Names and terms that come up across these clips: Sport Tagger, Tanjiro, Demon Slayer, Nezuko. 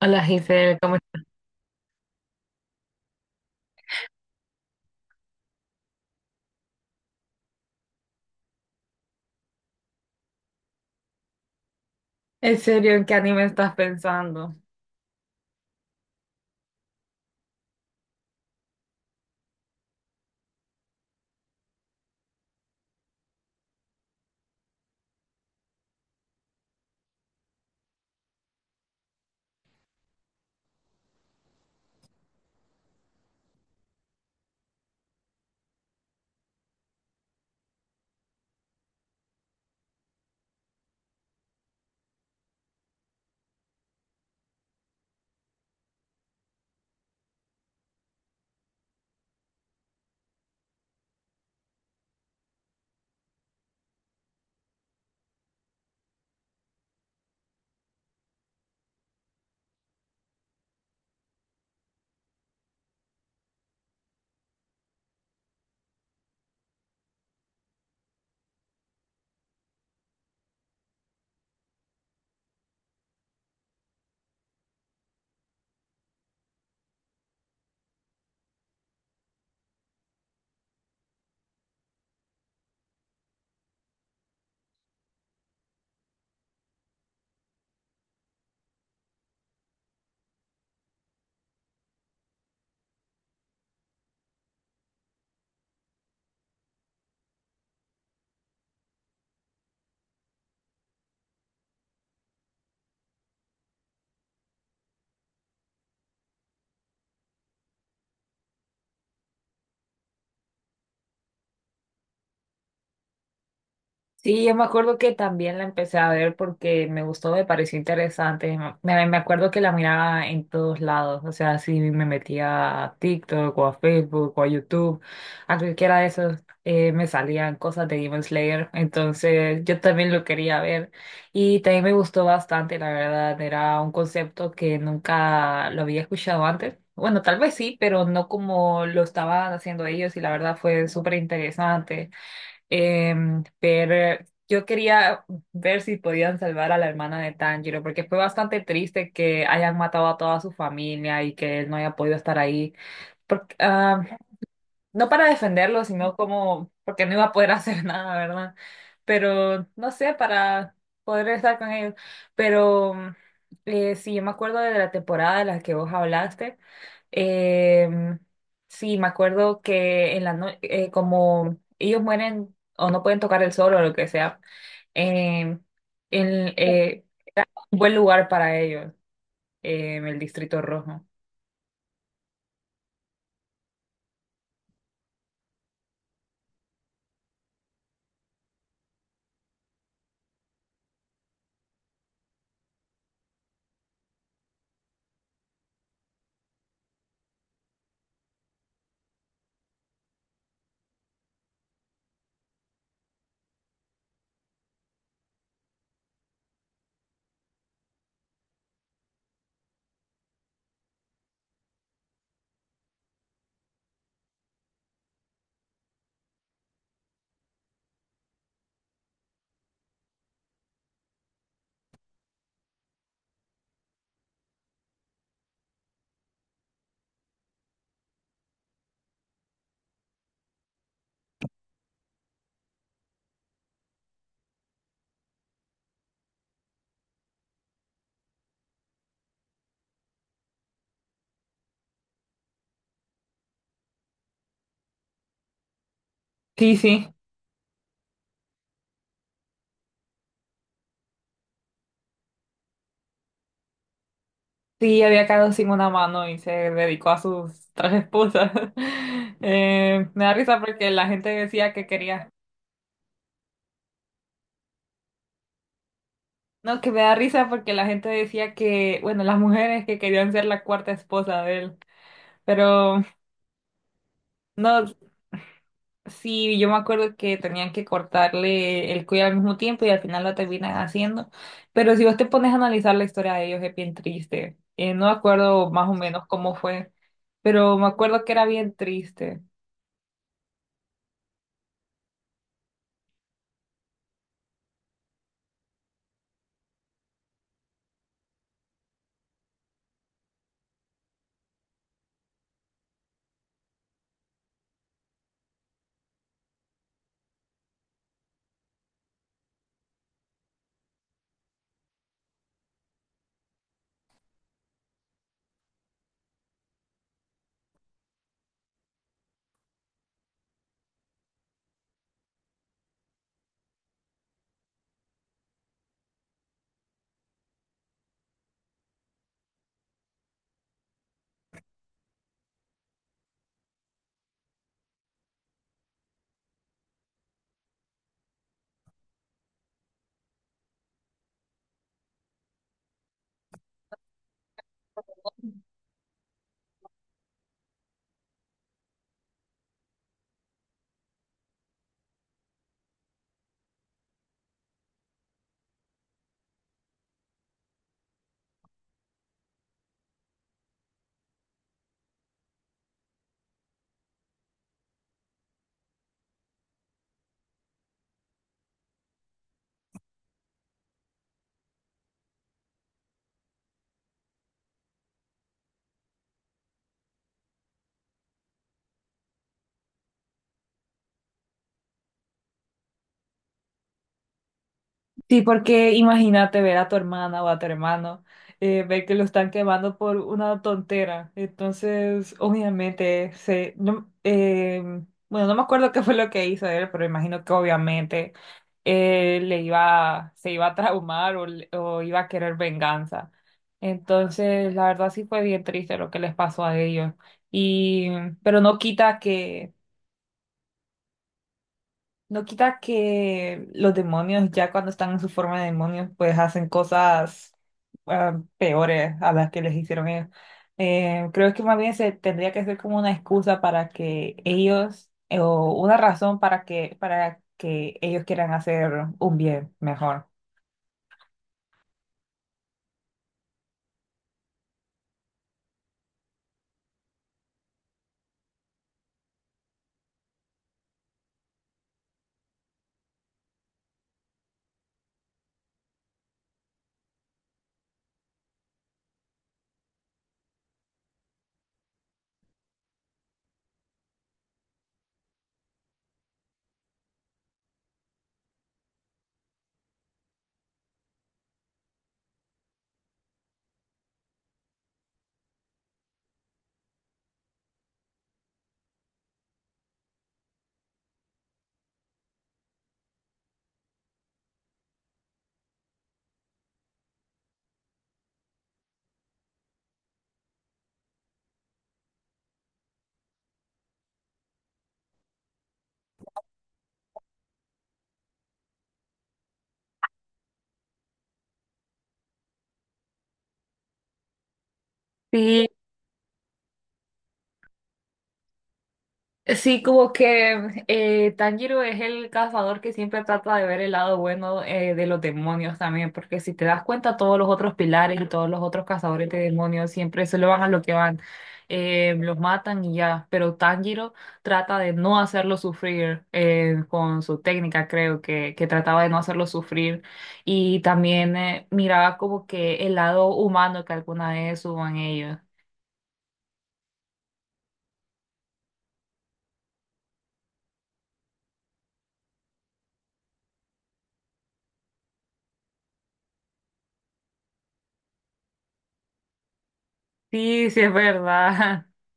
Hola Giselle, ¿cómo estás? ¿En serio en qué anime estás pensando? Sí, yo me acuerdo que también la empecé a ver porque me gustó, me pareció interesante. Me acuerdo que la miraba en todos lados, o sea, si me metía a TikTok o a Facebook o a YouTube, a cualquiera de esos me salían cosas de Demon Slayer, entonces yo también lo quería ver y también me gustó bastante, la verdad, era un concepto que nunca lo había escuchado antes. Bueno, tal vez sí, pero no como lo estaban haciendo ellos y la verdad fue súper interesante. Pero yo quería ver si podían salvar a la hermana de Tanjiro, porque fue bastante triste que hayan matado a toda su familia y que él no haya podido estar ahí. Porque, ah, no para defenderlo, sino como porque no iba a poder hacer nada, ¿verdad? Pero no sé, para poder estar con ellos. Pero sí, yo me acuerdo de la temporada de la que vos hablaste. Eh, mm, sí, me acuerdo que en la no- como ellos mueren o no pueden tocar el sol o lo que sea, eh, era un buen lugar para ellos, el Distrito Rojo. Sí, sí. Sí, había quedado sin una mano y se dedicó a sus tres esposas. Me da risa porque la gente decía que quería. No, que me da risa porque la gente decía que, bueno, las mujeres que querían ser la cuarta esposa de él. Pero no, sí, yo me acuerdo que tenían que cortarle el cuello al mismo tiempo y al final lo terminan haciendo. Pero si vos te pones a analizar la historia de ellos, es bien triste. No me acuerdo más o menos cómo fue, pero me acuerdo que era bien triste. Sí, porque imagínate ver a tu hermana o a tu hermano, ver que lo están quemando por una tontera. Entonces, obviamente, se, no, bueno, no me acuerdo qué fue lo que hizo él, pero imagino que obviamente le iba, se iba a traumar o iba a querer venganza. Entonces, la verdad sí fue bien triste lo que les pasó a ellos. Y, pero no quita que no quita que los demonios, ya cuando están en su forma de demonios, pues hacen cosas peores a las que les hicieron ellos. Creo que más bien se tendría que ser como una excusa para que ellos, o una razón para que ellos quieran hacer un bien mejor. Sí. Sí, como que Tanjiro es el cazador que siempre trata de ver el lado bueno de los demonios también, porque si te das cuenta, todos los otros pilares y todos los otros cazadores de demonios siempre solo van a lo que van, los matan y ya, pero Tanjiro trata de no hacerlo sufrir con su técnica, creo que trataba de no hacerlo sufrir y también miraba como que el lado humano que alguna vez hubo en ellos. Sí, sí, es verdad.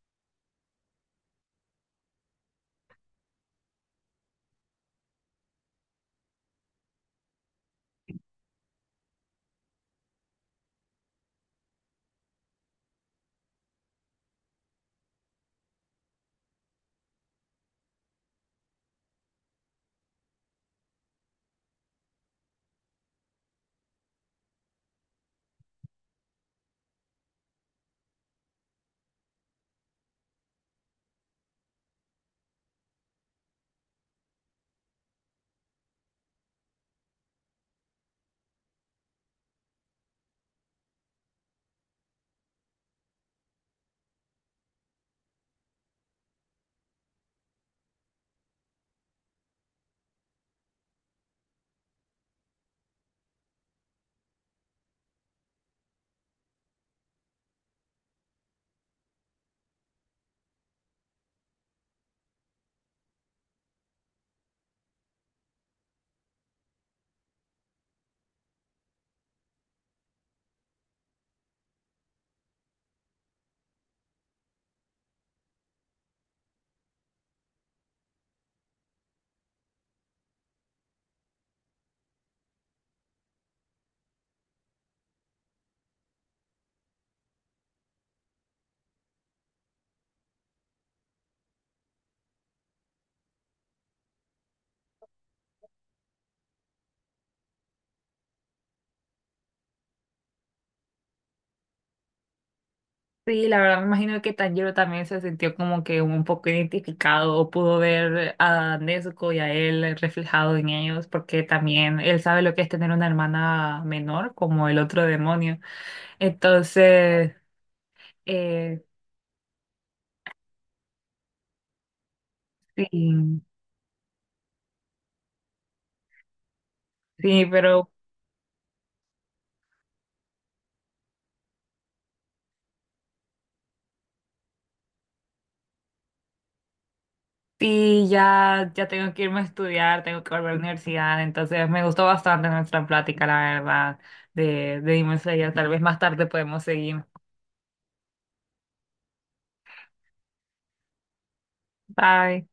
Sí, la verdad me imagino que Tanjiro también se sintió como que un poco identificado, o pudo ver a Nezuko y a él reflejado en ellos, porque también él sabe lo que es tener una hermana menor, como el otro demonio. Entonces, eh, sí, sí, pero sí, ya, ya tengo que irme a estudiar, tengo que volver a la universidad, entonces me gustó bastante nuestra plática, la verdad, de Demon Slayer. Tal vez más tarde podemos seguir. Bye.